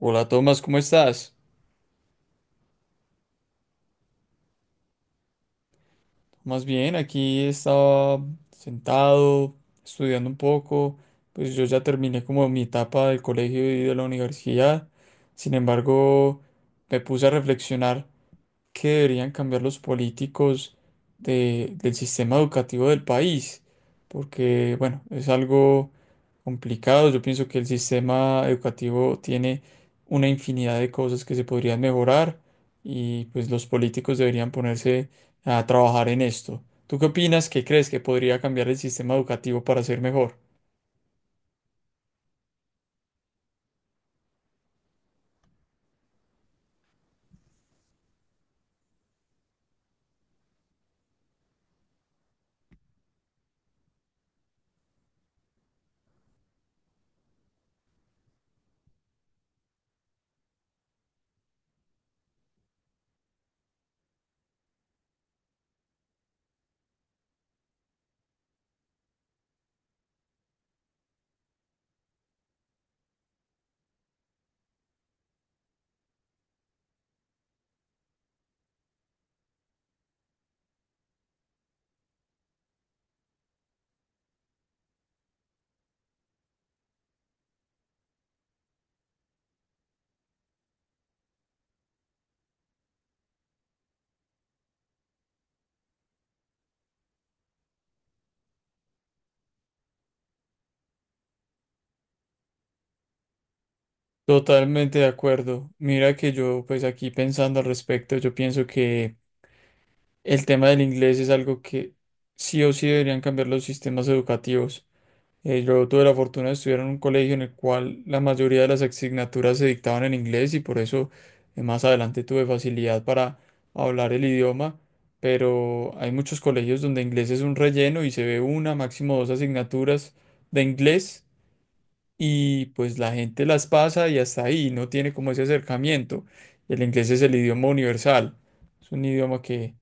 Hola Tomás, ¿cómo estás? Más bien, aquí estaba sentado, estudiando un poco, pues yo ya terminé como mi etapa del colegio y de la universidad, sin embargo, me puse a reflexionar qué deberían cambiar los políticos del sistema educativo del país, porque bueno, es algo complicados. Yo pienso que el sistema educativo tiene una infinidad de cosas que se podrían mejorar y pues los políticos deberían ponerse a trabajar en esto. ¿Tú qué opinas? ¿Qué crees que podría cambiar el sistema educativo para ser mejor? Totalmente de acuerdo. Mira que yo pues aquí pensando al respecto, yo pienso que el tema del inglés es algo que sí o sí deberían cambiar los sistemas educativos. Yo tuve la fortuna de estudiar en un colegio en el cual la mayoría de las asignaturas se dictaban en inglés y por eso más adelante tuve facilidad para hablar el idioma, pero hay muchos colegios donde inglés es un relleno y se ve una, máximo dos asignaturas de inglés y pues la gente las pasa y hasta ahí, no tiene como ese acercamiento. El inglés es el idioma universal, es un idioma que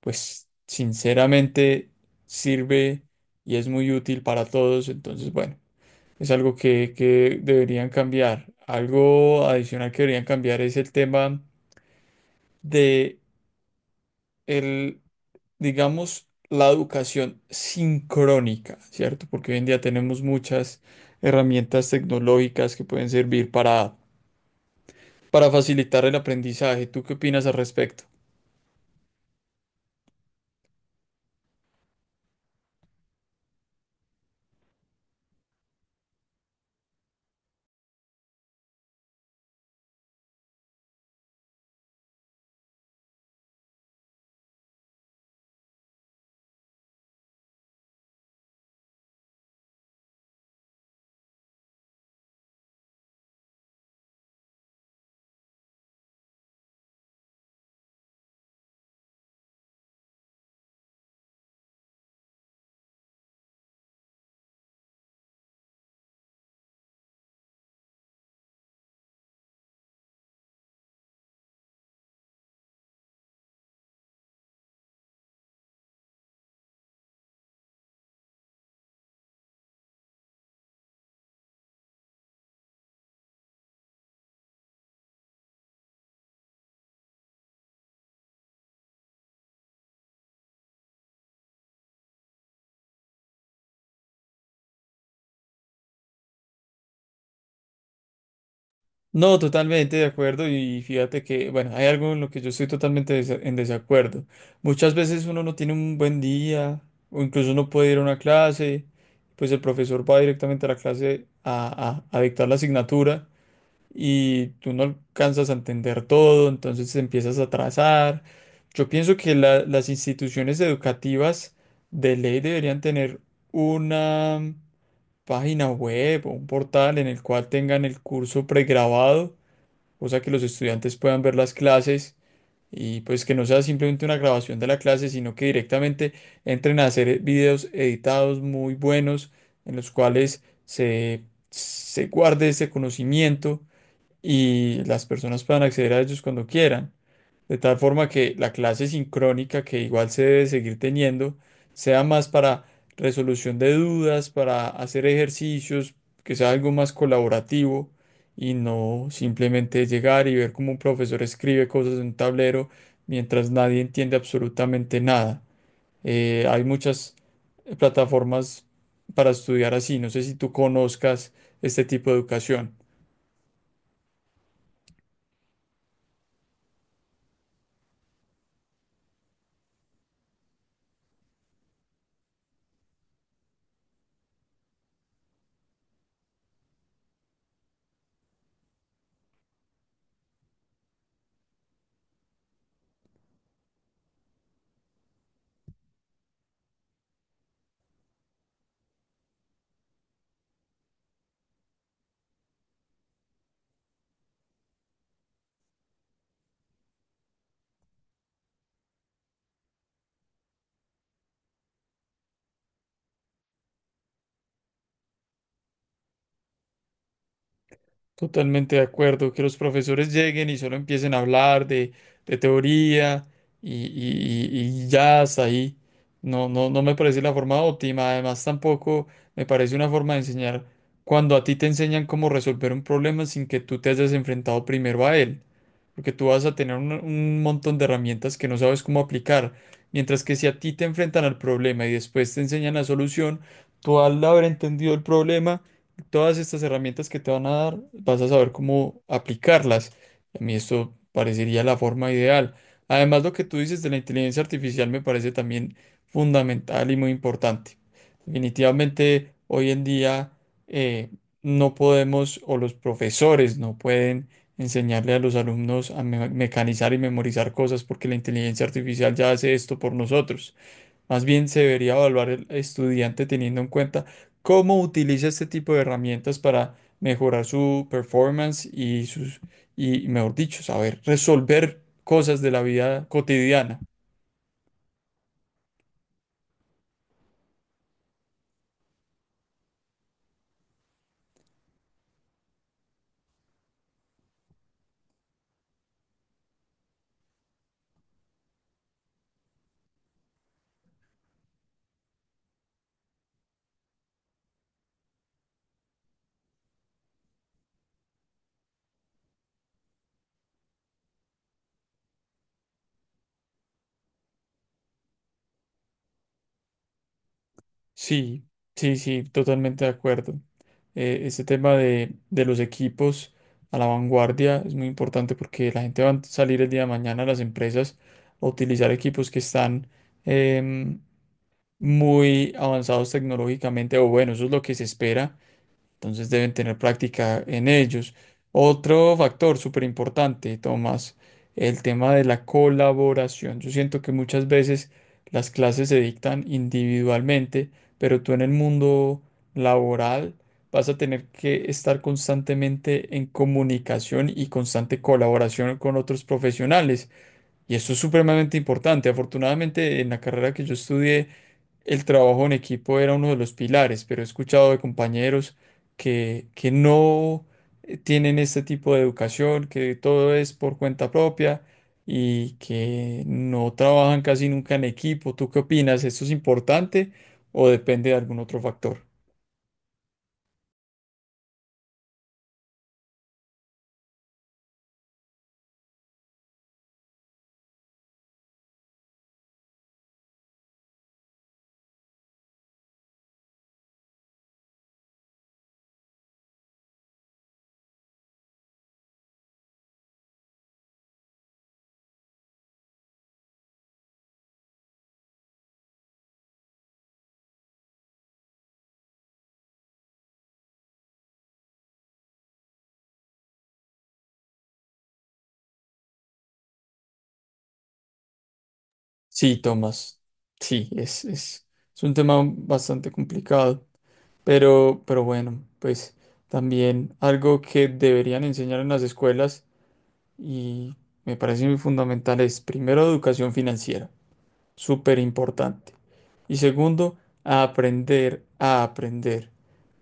pues sinceramente sirve y es muy útil para todos, entonces bueno. Es algo que deberían cambiar. Algo adicional que deberían cambiar es el tema de el, digamos, la educación sincrónica, ¿cierto? Porque hoy en día tenemos muchas herramientas tecnológicas que pueden servir para facilitar el aprendizaje. ¿Tú qué opinas al respecto? No, totalmente de acuerdo y fíjate que, bueno, hay algo en lo que yo estoy totalmente en desacuerdo. Muchas veces uno no tiene un buen día o incluso no puede ir a una clase, pues el profesor va directamente a la clase a dictar la asignatura y tú no alcanzas a entender todo, entonces te empiezas a atrasar. Yo pienso que las instituciones educativas de ley deberían tener una página web o un portal en el cual tengan el curso pregrabado cosa que los estudiantes puedan ver las clases y pues que no sea simplemente una grabación de la clase, sino que directamente entren a hacer videos editados muy buenos en los cuales se guarde ese conocimiento y las personas puedan acceder a ellos cuando quieran. De tal forma que la clase sincrónica, que igual se debe seguir teniendo, sea más para resolución de dudas, para hacer ejercicios, que sea algo más colaborativo y no simplemente llegar y ver cómo un profesor escribe cosas en un tablero mientras nadie entiende absolutamente nada. Hay muchas plataformas para estudiar así. No sé si tú conozcas este tipo de educación. Totalmente de acuerdo, que los profesores lleguen y solo empiecen a hablar de teoría y, y ya hasta ahí. No, no, no me parece la forma óptima. Además, tampoco me parece una forma de enseñar cuando a ti te enseñan cómo resolver un problema sin que tú te hayas enfrentado primero a él porque tú vas a tener un montón de herramientas que no sabes cómo aplicar, mientras que si a ti te enfrentan al problema y después te enseñan la solución, tú al haber entendido el problema, todas estas herramientas que te van a dar, vas a saber cómo aplicarlas. A mí esto parecería la forma ideal. Además, lo que tú dices de la inteligencia artificial me parece también fundamental y muy importante. Definitivamente, hoy en día eh, no podemos, o los profesores no pueden enseñarle a los alumnos a mecanizar y memorizar cosas porque la inteligencia artificial ya hace esto por nosotros. Más bien se debería evaluar el estudiante teniendo en cuenta cómo utiliza este tipo de herramientas para mejorar su performance y y mejor dicho, saber resolver cosas de la vida cotidiana. Sí, sí, sí, totalmente de acuerdo. Este tema de los equipos a la vanguardia es muy importante porque la gente va a salir el día de mañana a las empresas a utilizar equipos que están em, muy avanzados tecnológicamente, o bueno, eso es lo que se espera. Entonces deben tener práctica en ellos. Otro factor súper importante, Tomás, el tema de la colaboración. Yo siento que muchas veces las clases se dictan individualmente, pero tú en el mundo laboral vas a tener que estar constantemente en comunicación y constante colaboración con otros profesionales. Y eso es supremamente importante. Afortunadamente, en la carrera que yo estudié, el trabajo en equipo era uno de los pilares, pero he escuchado de compañeros que no tienen este tipo de educación, que todo es por cuenta propia y que no trabajan casi nunca en equipo. ¿Tú qué opinas? ¿Esto es importante o depende de algún otro factor? Sí, Tomás. Sí, es un tema bastante complicado, pero bueno, pues también algo que deberían enseñar en las escuelas y me parece muy fundamental es primero, educación financiera súper importante. Y segundo, a a aprender.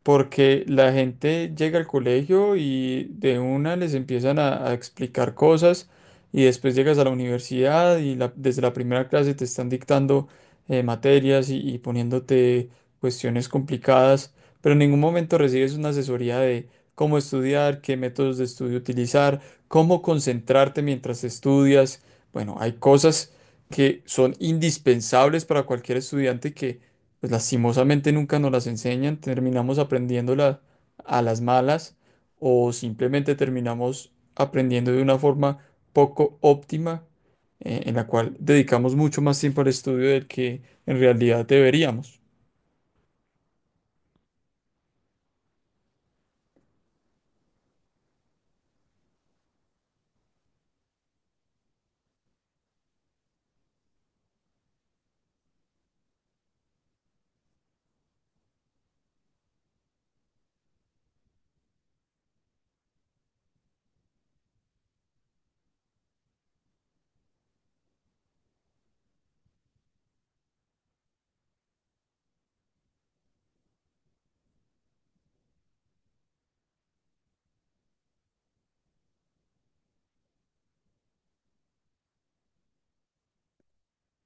Porque la gente llega al colegio y de una les empiezan a explicar cosas y después llegas a la universidad y desde la primera clase te están dictando materias y poniéndote cuestiones complicadas, pero en ningún momento recibes una asesoría de cómo estudiar, qué métodos de estudio utilizar, cómo concentrarte mientras estudias. Bueno, hay cosas que son indispensables para cualquier estudiante que, pues lastimosamente nunca nos las enseñan, terminamos aprendiéndolas a las malas o simplemente terminamos aprendiendo de una forma poco óptima, en la cual dedicamos mucho más tiempo al estudio del que en realidad deberíamos.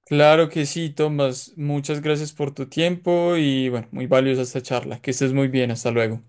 Claro que sí, Tomás, muchas gracias por tu tiempo y bueno, muy valiosa esta charla. Que estés muy bien, hasta luego.